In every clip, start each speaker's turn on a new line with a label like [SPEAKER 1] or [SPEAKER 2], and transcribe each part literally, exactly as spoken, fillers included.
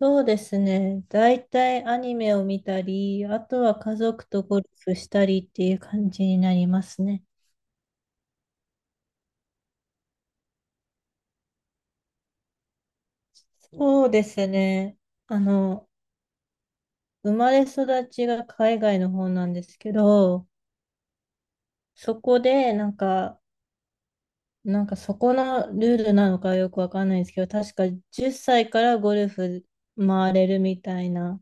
[SPEAKER 1] そうですね。大体アニメを見たり、あとは家族とゴルフしたりっていう感じになりますね。そうですね。あの、生まれ育ちが海外の方なんですけど、そこでなんか、なんかそこのルールなのかよくわかんないんですけど、確かじゅっさいからゴルフ回れるみたいな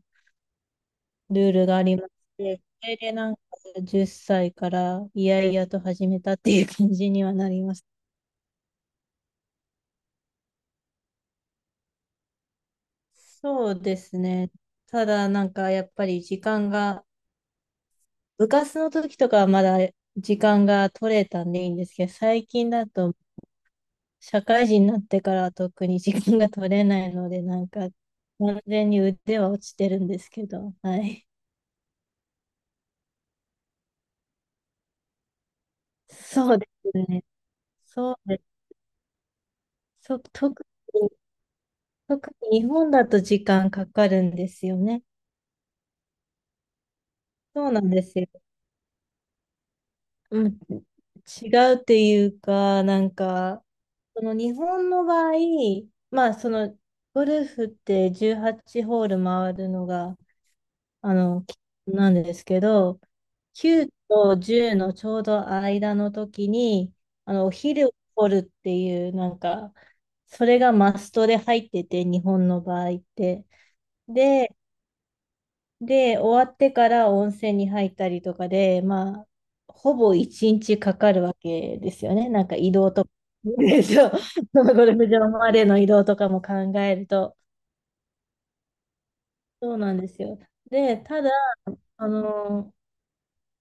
[SPEAKER 1] ルールがありまして、それでなんかじゅっさいからいやいやと始めたっていう感じにはなります。そうですね。ただなんかやっぱり時間が、部活の時とかはまだ時間が取れたんでいいんですけど、最近だと社会人になってからは特に時間が取れないので、なんか完全に腕は落ちてるんですけど、はい。そうですね。そうです。そ、特に、特に日本だと時間かかるんですよね。そうなんですよ。うん、違うっていうか、なんか、その日本の場合、まあ、その、ゴルフってじゅうはちホール回るのが、あの、きなんですけど、きゅうとじゅうのちょうど間の時に、あの、お昼を取るっていう、なんか、それがマストで入ってて、日本の場合って。で、で、終わってから温泉に入ったりとかで、まあ、ほぼ一日かかるわけですよね。なんか移動とか。そう、そ のゴルフ場までの移動とかも考えると。そうなんですよ。で、ただ、あの、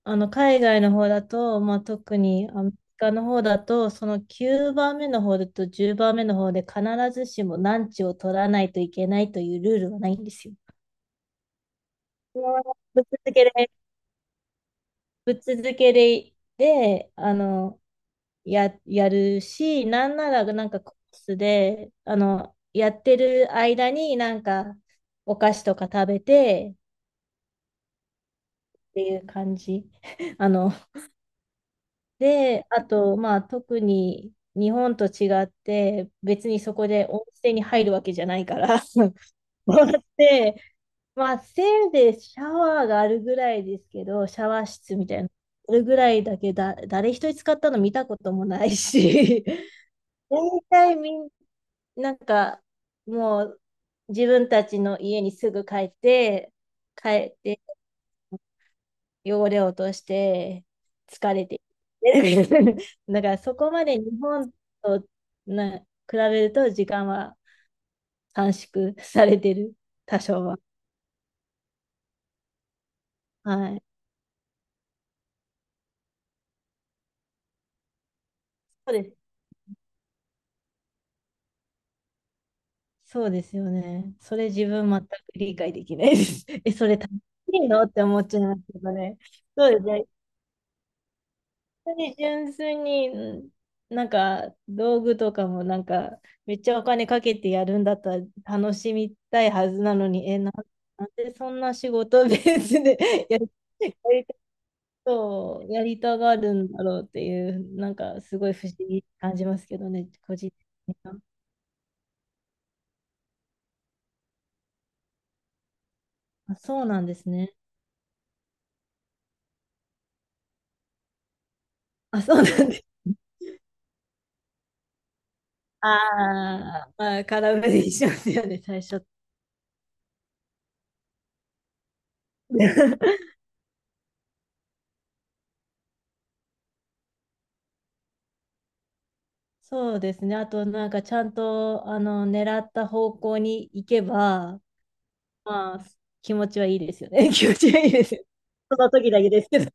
[SPEAKER 1] あの海外の方だと、まあ、特にアメリカの方だと、そのきゅうばんめの方だとじゅうばんめの方で必ずしもランチを取らないといけないというルールはないんですよ。ぶっ続けで、ぶっ続けで、で、あの、や、やるし、なんならなんかコースで、あの、やってる間になんかお菓子とか食べてっていう感じ。あの、で、あと、まあ特に日本と違って、別にそこで温泉に入るわけじゃないから、そうやって、まあせいぜいシャワーがあるぐらいですけど、シャワー室みたいな。あるぐらいだけだ、誰一人使ったの見たこともないし、大体みんなんか、もう自分たちの家にすぐ帰って、帰って汚れを落として疲れて。だからそこまで日本とな比べると時間は短縮されてる、多少は。はい。そうです。そうですよね。それ自分全く理解できないです。え、それ楽しいのって思っちゃいますけどね。そうですね。本当に純粋に、なんか道具とかもなんかめっちゃお金かけてやるんだったら楽しみたいはずなのに、え、な、なんでそんな仕事ベースで やり、やりたそうやりたがるんだろうっていう、なんかすごい不思議に感じますけどね、個人的には。あ、そうなんですね。あ、そうなんです。あーまあ、空振りしますよね、最初。そうですね。あと、なんかちゃんと、あの、狙った方向に行けば、まあ、気持ちはいいですよね。気持ちはいいですよ。その時だけですけど。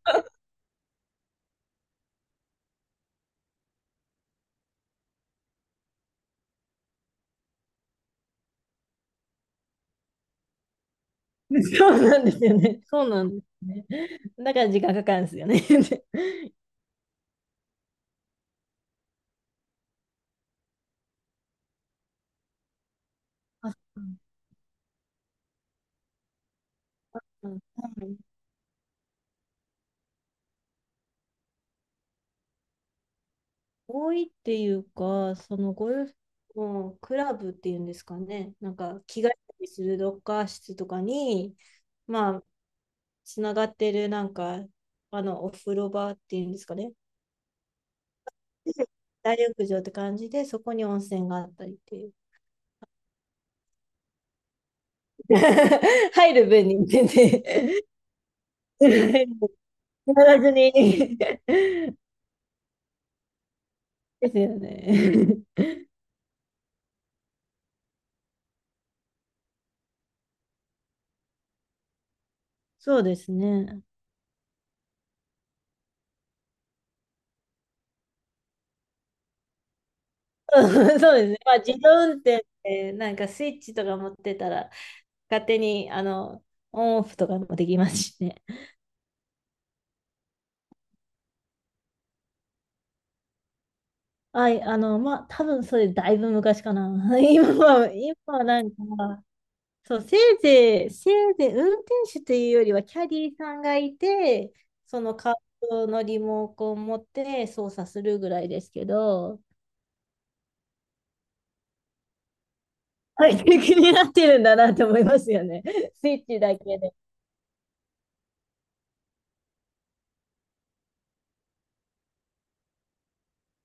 [SPEAKER 1] そうなんですよね。そうなんですね。だから時間かかるんですよね。あ、そううんはい多いっていうか、そのゴルフのクラブっていうんですかね。なんか、着替えたりするロッカー室とかに、まあ、つながってるなんか、あの、お風呂場っていうんですかね。大浴場って感じで、そこに温泉があったりっていう。入る分に全然やらずに ですよね。そうですね。うんそうですね。まあ、自動運転ってなんかスイッチとか持ってたら、勝手にあのオンオフとかもできますしね。はい、あの、まあ、多分それだいぶ昔かな。今は、今はなんか、そう、せいぜい、せいぜい運転手というよりはキャディーさんがいて、そのカートのリモコンを持って操作するぐらいですけど、はい、気になってるんだなと思いますよね。スイッチだけで。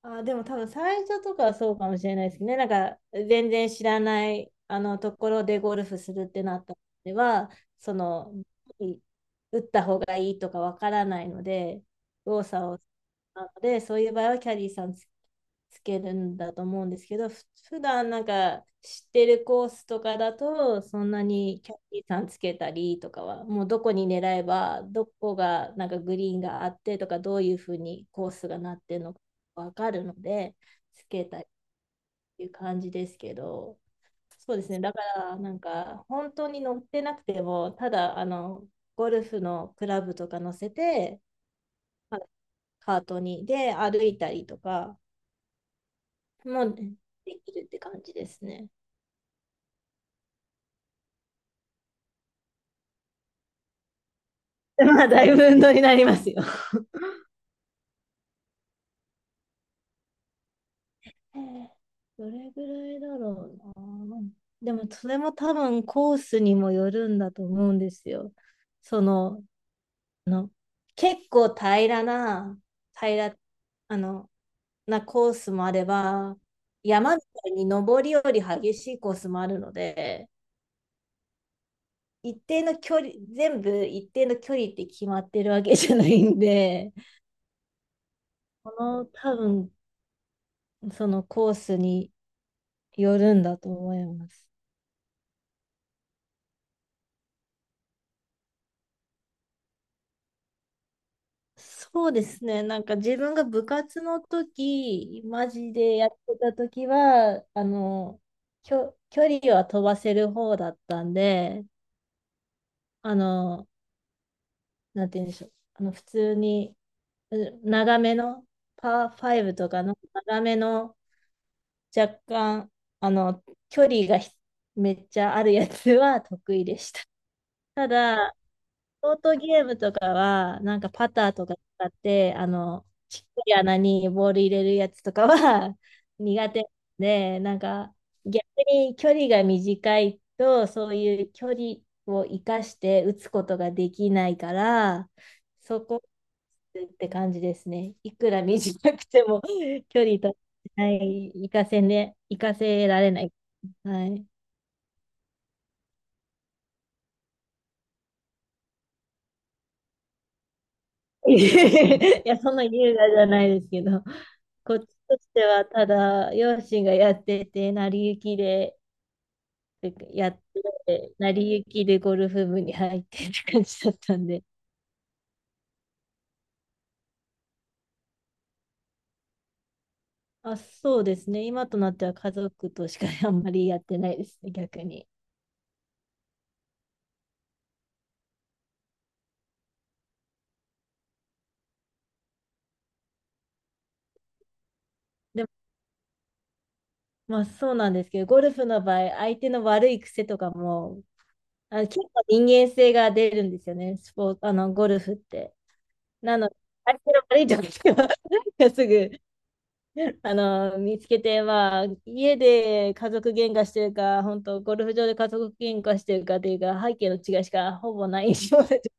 [SPEAKER 1] あ、でも多分最初とかはそうかもしれないですね。なんか全然知らないあのところでゴルフするってなったのでは、その、打った方がいいとかわからないので、動作を、なので、そういう場合はキャディーさんつ、つけるんだと思うんですけど、ふ普段なんか知ってるコースとかだと、そんなにキャディーさんつけたりとかは、もうどこに狙えば、どこがなんかグリーンがあってとか、どういうふうにコースがなってるのか。わかるので、つけたっていう感じですけど、そうですね、だからなんか本当に乗ってなくても、ただあのゴルフのクラブとか乗せて、カートにで歩いたりとかもできるって感じですね。まあ、だいぶ運動になりますよ。えーどれぐらいだろうな。でもそれも多分コースにもよるんだと思うんですよ。そのあの、結構平らな、平ら、あの、なコースもあれば、山みたいに登りより激しいコースもあるので、一定の距離、全部一定の距離って決まってるわけじゃないんで、この多分、そのコースによるんだと思います。そうですね。なんか自分が部活の時、マジでやってた時は、あの、きょ、距離は飛ばせる方だったんで、あの、なんて言うんでしょう。あの、普通に、う長めの、パーファイブとかの長めの、若干、あの、距離がひめっちゃあるやつは得意でした。ただ、ショートゲームとかは、なんかパターとか使って、あの、ちっこい穴にボール入れるやつとかは 苦手で、なんか逆に距離が短いと、そういう距離を生かして打つことができないから、そこって感じですね。いくら短くても 距離と、はい、生かせね、生かせられない。はい。いや、そんな優雅じゃないですけど、こっちとしては、ただ、両親がやってて、成り行きで、やって、成り行きでゴルフ部に入ってって感じだったんで。あ、そうですね。今となっては家族としか あんまりやってないですね、逆に。でも、まあそうなんですけど、ゴルフの場合、相手の悪い癖とかも、あ、結構人間性が出るんですよね、スポーツ、あの、ゴルフって。なので、相手の悪いところは すぐ あの、見つけて、まあ、家で家族喧嘩してるか、本当ゴルフ場で家族喧嘩してるかというか、背景の違いしかほぼない印象です。